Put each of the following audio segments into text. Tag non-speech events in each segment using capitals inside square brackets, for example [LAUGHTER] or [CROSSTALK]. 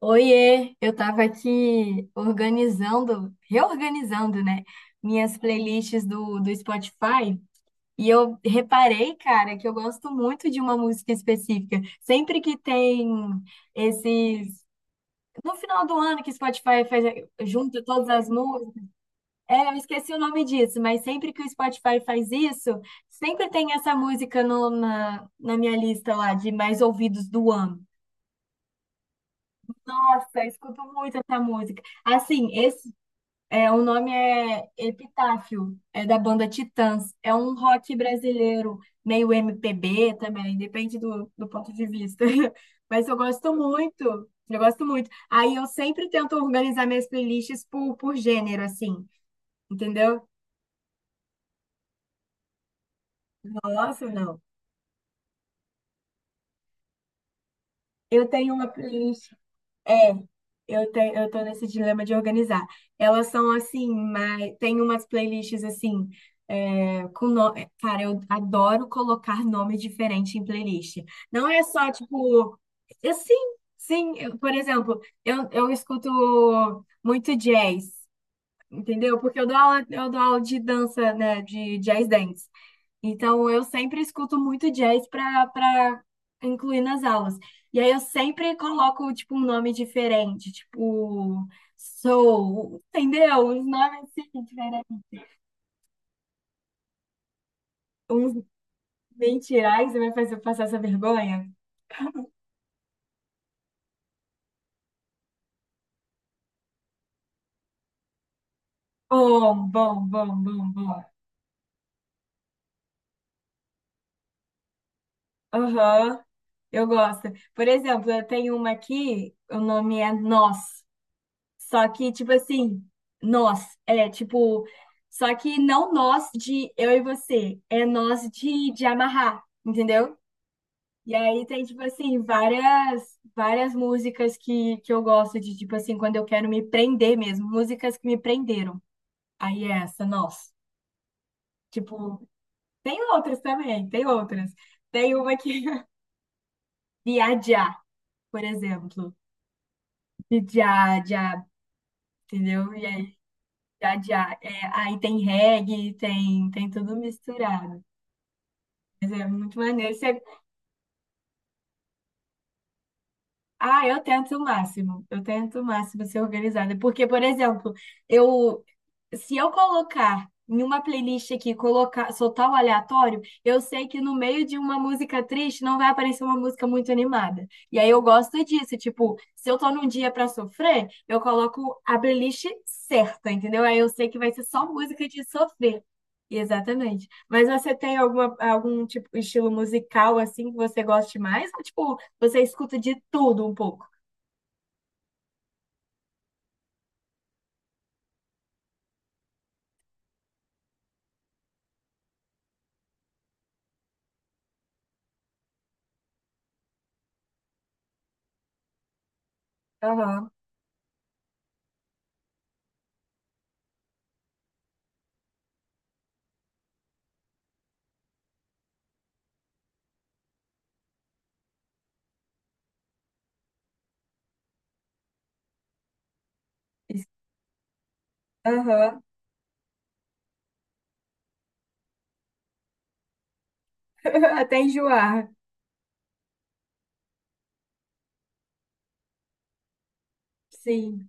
Oiê, eu estava aqui organizando, reorganizando, minhas playlists do Spotify e eu reparei, cara, que eu gosto muito de uma música específica. Sempre que tem esses. No final do ano que o Spotify faz, junta todas as músicas. Eu esqueci o nome disso, mas sempre que o Spotify faz isso, sempre tem essa música no, na, na minha lista lá de mais ouvidos do ano. Nossa, eu escuto muito essa música. Assim, esse. É, o nome é Epitáfio, é da banda Titãs. É um rock brasileiro, meio MPB também, depende do ponto de vista. [LAUGHS] Mas eu gosto muito. Aí eu sempre tento organizar minhas playlists por gênero, assim, entendeu? Nossa, não. Eu tenho uma playlist. Eu tô nesse dilema de organizar. Elas são assim, mas tem umas playlists assim, é, com no... é, Cara, eu adoro colocar [LAUGHS] nome diferente em playlist. Não é só tipo, eu, sim, sim. Por exemplo, eu escuto muito jazz, entendeu? Porque eu dou aula de dança, né, de jazz dance. Então, eu sempre escuto muito jazz para incluir nas aulas. E aí eu sempre coloco tipo um nome diferente, tipo soul, entendeu? Uns nomes assim diferentes, uns mentira, ai, você vai fazer eu passar essa vergonha? Bom, bom, bom, bom, bom. Aham. Eu gosto. Por exemplo, eu tenho uma aqui, o nome é Nós. Só que, tipo assim, nós, é, tipo, só que não nós de eu e você, é nós de amarrar, entendeu? E aí tem, tipo assim, várias músicas que eu gosto de, tipo assim, quando eu quero me prender mesmo, músicas que me prenderam. Aí é essa, nós. Tipo, tem outras também, tem outras. Tem uma que. [LAUGHS] Viajar, por exemplo. Viajar, entendeu? E aí já, já. É, aí tem reggae, tem tudo misturado. Mas é muito maneiro. Você- ah, eu tento o máximo. Eu tento o máximo ser organizada. Porque, por exemplo, eu, se eu colocar em uma playlist aqui, colocar, soltar o aleatório, eu sei que no meio de uma música triste não vai aparecer uma música muito animada. E aí eu gosto disso, tipo, se eu tô num dia pra sofrer, eu coloco a playlist certa, entendeu? Aí eu sei que vai ser só música de sofrer. Exatamente. Mas você tem alguma, algum tipo estilo musical assim que você goste mais? Ou, tipo, você escuta de tudo um pouco? Aham. Aham. [LAUGHS] Até enjoar. Sim.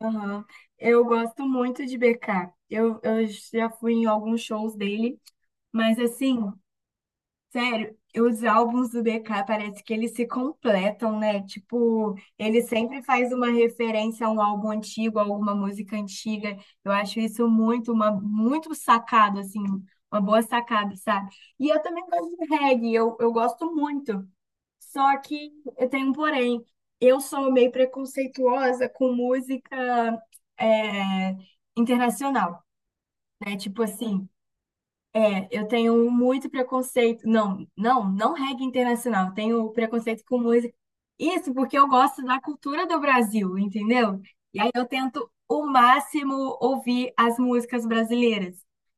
Aham. Eu gosto muito de BK. Eu já fui em alguns shows dele, mas assim, sério, os álbuns do BK parece que eles se completam, né? Tipo, ele sempre faz uma referência a um álbum antigo, a alguma música antiga. Eu acho isso muito, uma, muito sacado, assim, uma boa sacada, sabe? E eu também gosto de reggae, eu gosto muito. Só que eu tenho um porém. Eu sou meio preconceituosa com música é, internacional, né? Tipo assim, é, eu tenho muito preconceito. Não reggae internacional. Eu tenho preconceito com música. Isso porque eu gosto da cultura do Brasil, entendeu? E aí eu tento o máximo ouvir as músicas brasileiras,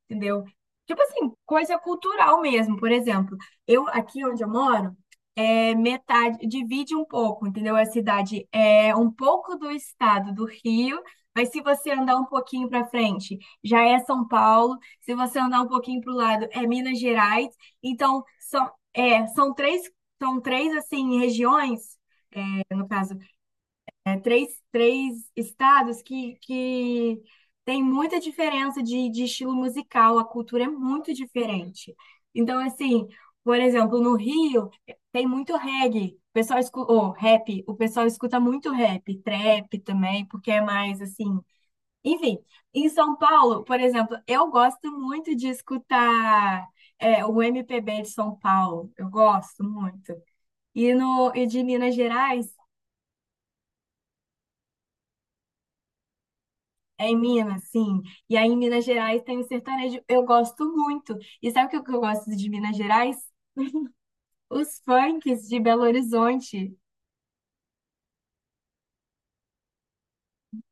entendeu? Tipo assim, coisa cultural mesmo. Por exemplo, eu aqui onde eu moro, é metade, divide um pouco, entendeu? A cidade é um pouco do estado do Rio, mas se você andar um pouquinho para frente, já é São Paulo. Se você andar um pouquinho para o lado, é Minas Gerais. Então, são três assim, regiões, é, no caso, é, três estados que tem muita diferença de estilo musical, a cultura é muito diferente. Então, assim, por exemplo, no Rio tem muito reggae, o pessoal escuta, ou rap, o pessoal escuta muito rap, trap também, porque é mais assim, enfim, em São Paulo, por exemplo, eu gosto muito de escutar é, o MPB de São Paulo. Eu gosto muito. E, no, e de Minas Gerais, é em Minas, sim. E aí em Minas Gerais tem o sertanejo. Eu gosto muito. E sabe o que eu gosto de Minas Gerais? Os funks de Belo Horizonte.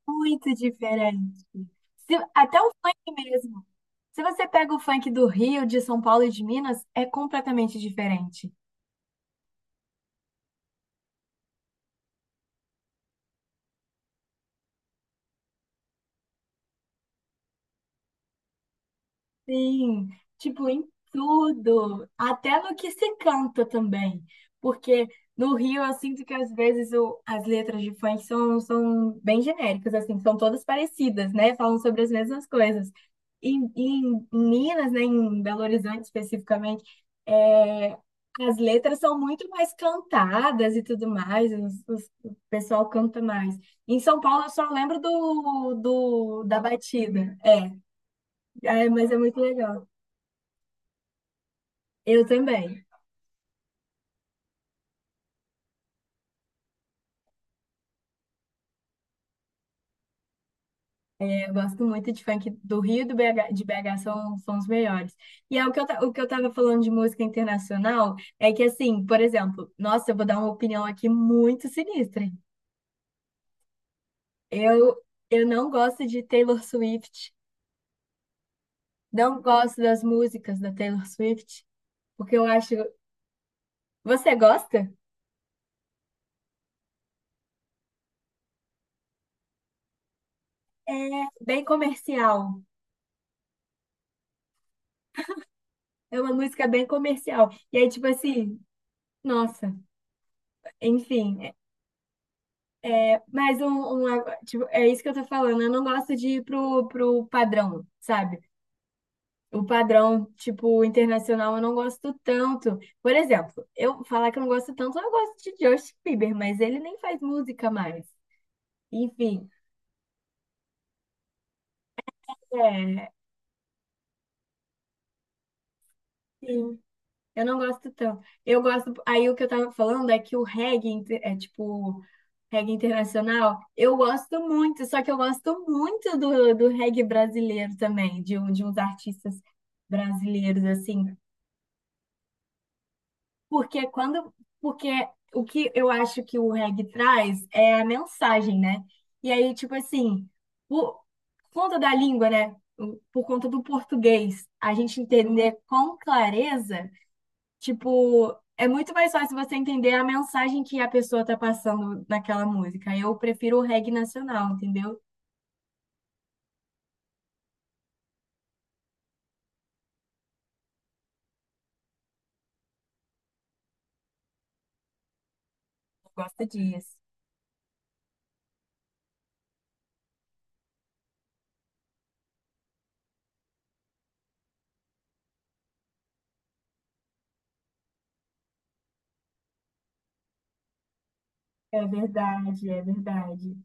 Muito diferente. Se- até o funk mesmo. Se você pega o funk do Rio, de São Paulo e de Minas, é completamente diferente. Sim, tipo, em tudo, até no que se canta também, porque no Rio eu sinto que às vezes o- as letras de funk são bem genéricas, assim, são todas parecidas, né? Falam sobre as mesmas coisas. E, em Minas, né, em Belo Horizonte especificamente, é, as letras são muito mais cantadas e tudo mais, os- o pessoal canta mais. Em São Paulo eu só lembro da batida, é, mas é muito legal. Eu também. Eu gosto muito de funk do Rio e do BH, de BH são os melhores. E é o que eu, ta- o que eu tava falando de música internacional é que, assim, por exemplo, nossa, eu vou dar uma opinião aqui muito sinistra. Eu, eu não gosto de Taylor Swift, não gosto das músicas da Taylor Swift, porque eu acho. Você gosta? É bem comercial. É uma música bem comercial. E aí, tipo assim, nossa, enfim, mas um- tipo, é isso que eu tô falando. Eu não gosto de ir pro padrão, sabe? O padrão, tipo, internacional, eu não gosto tanto. Por exemplo, eu falar que eu não gosto tanto, eu gosto de Justin Bieber, mas ele nem faz música mais. Enfim, é, sim. Eu não gosto tanto. Eu gosto. Aí o que eu tava falando é que o reggae inte- é tipo reggae internacional. Eu gosto muito, só que eu gosto muito do reggae brasileiro também, de, um- de uns artistas brasileiros, assim. Porque quando. Porque o que eu acho que o reggae traz é a mensagem, né? E aí, tipo assim, por conta da língua, né? Por conta do português, a gente entender com clareza. Tipo, é muito mais fácil você entender a mensagem que a pessoa tá passando naquela música. Eu prefiro o reggae nacional, entendeu? Eu gosto disso. É verdade.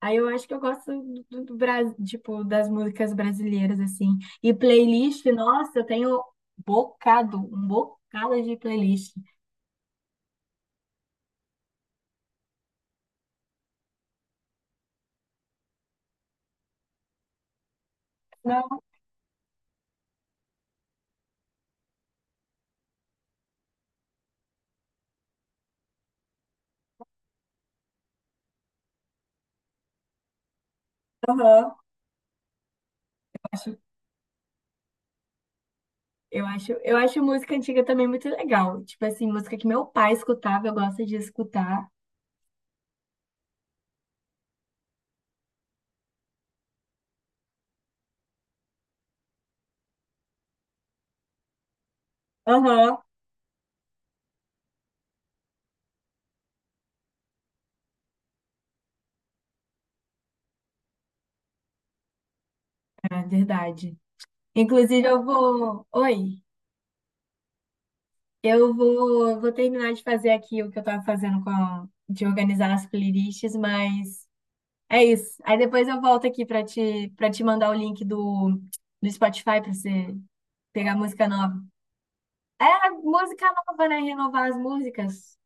Aí eu acho que eu gosto do Bras- tipo, das músicas brasileiras, assim. E playlist, nossa, eu tenho bocado, um bocado de playlist. Não, aham. Acho- eu acho, eu acho música antiga também muito legal. Tipo assim, música que meu pai escutava, eu gosto de escutar. Aham. É verdade. Inclusive, eu vou. Oi, eu vou, vou terminar de fazer aqui o que eu tava fazendo com a- de organizar as playlists, mas é isso. Aí depois eu volto aqui para te mandar o link do, do Spotify para você pegar música nova. É, música nova, né? Renovar as músicas.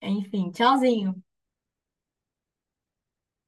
Enfim, tchauzinho.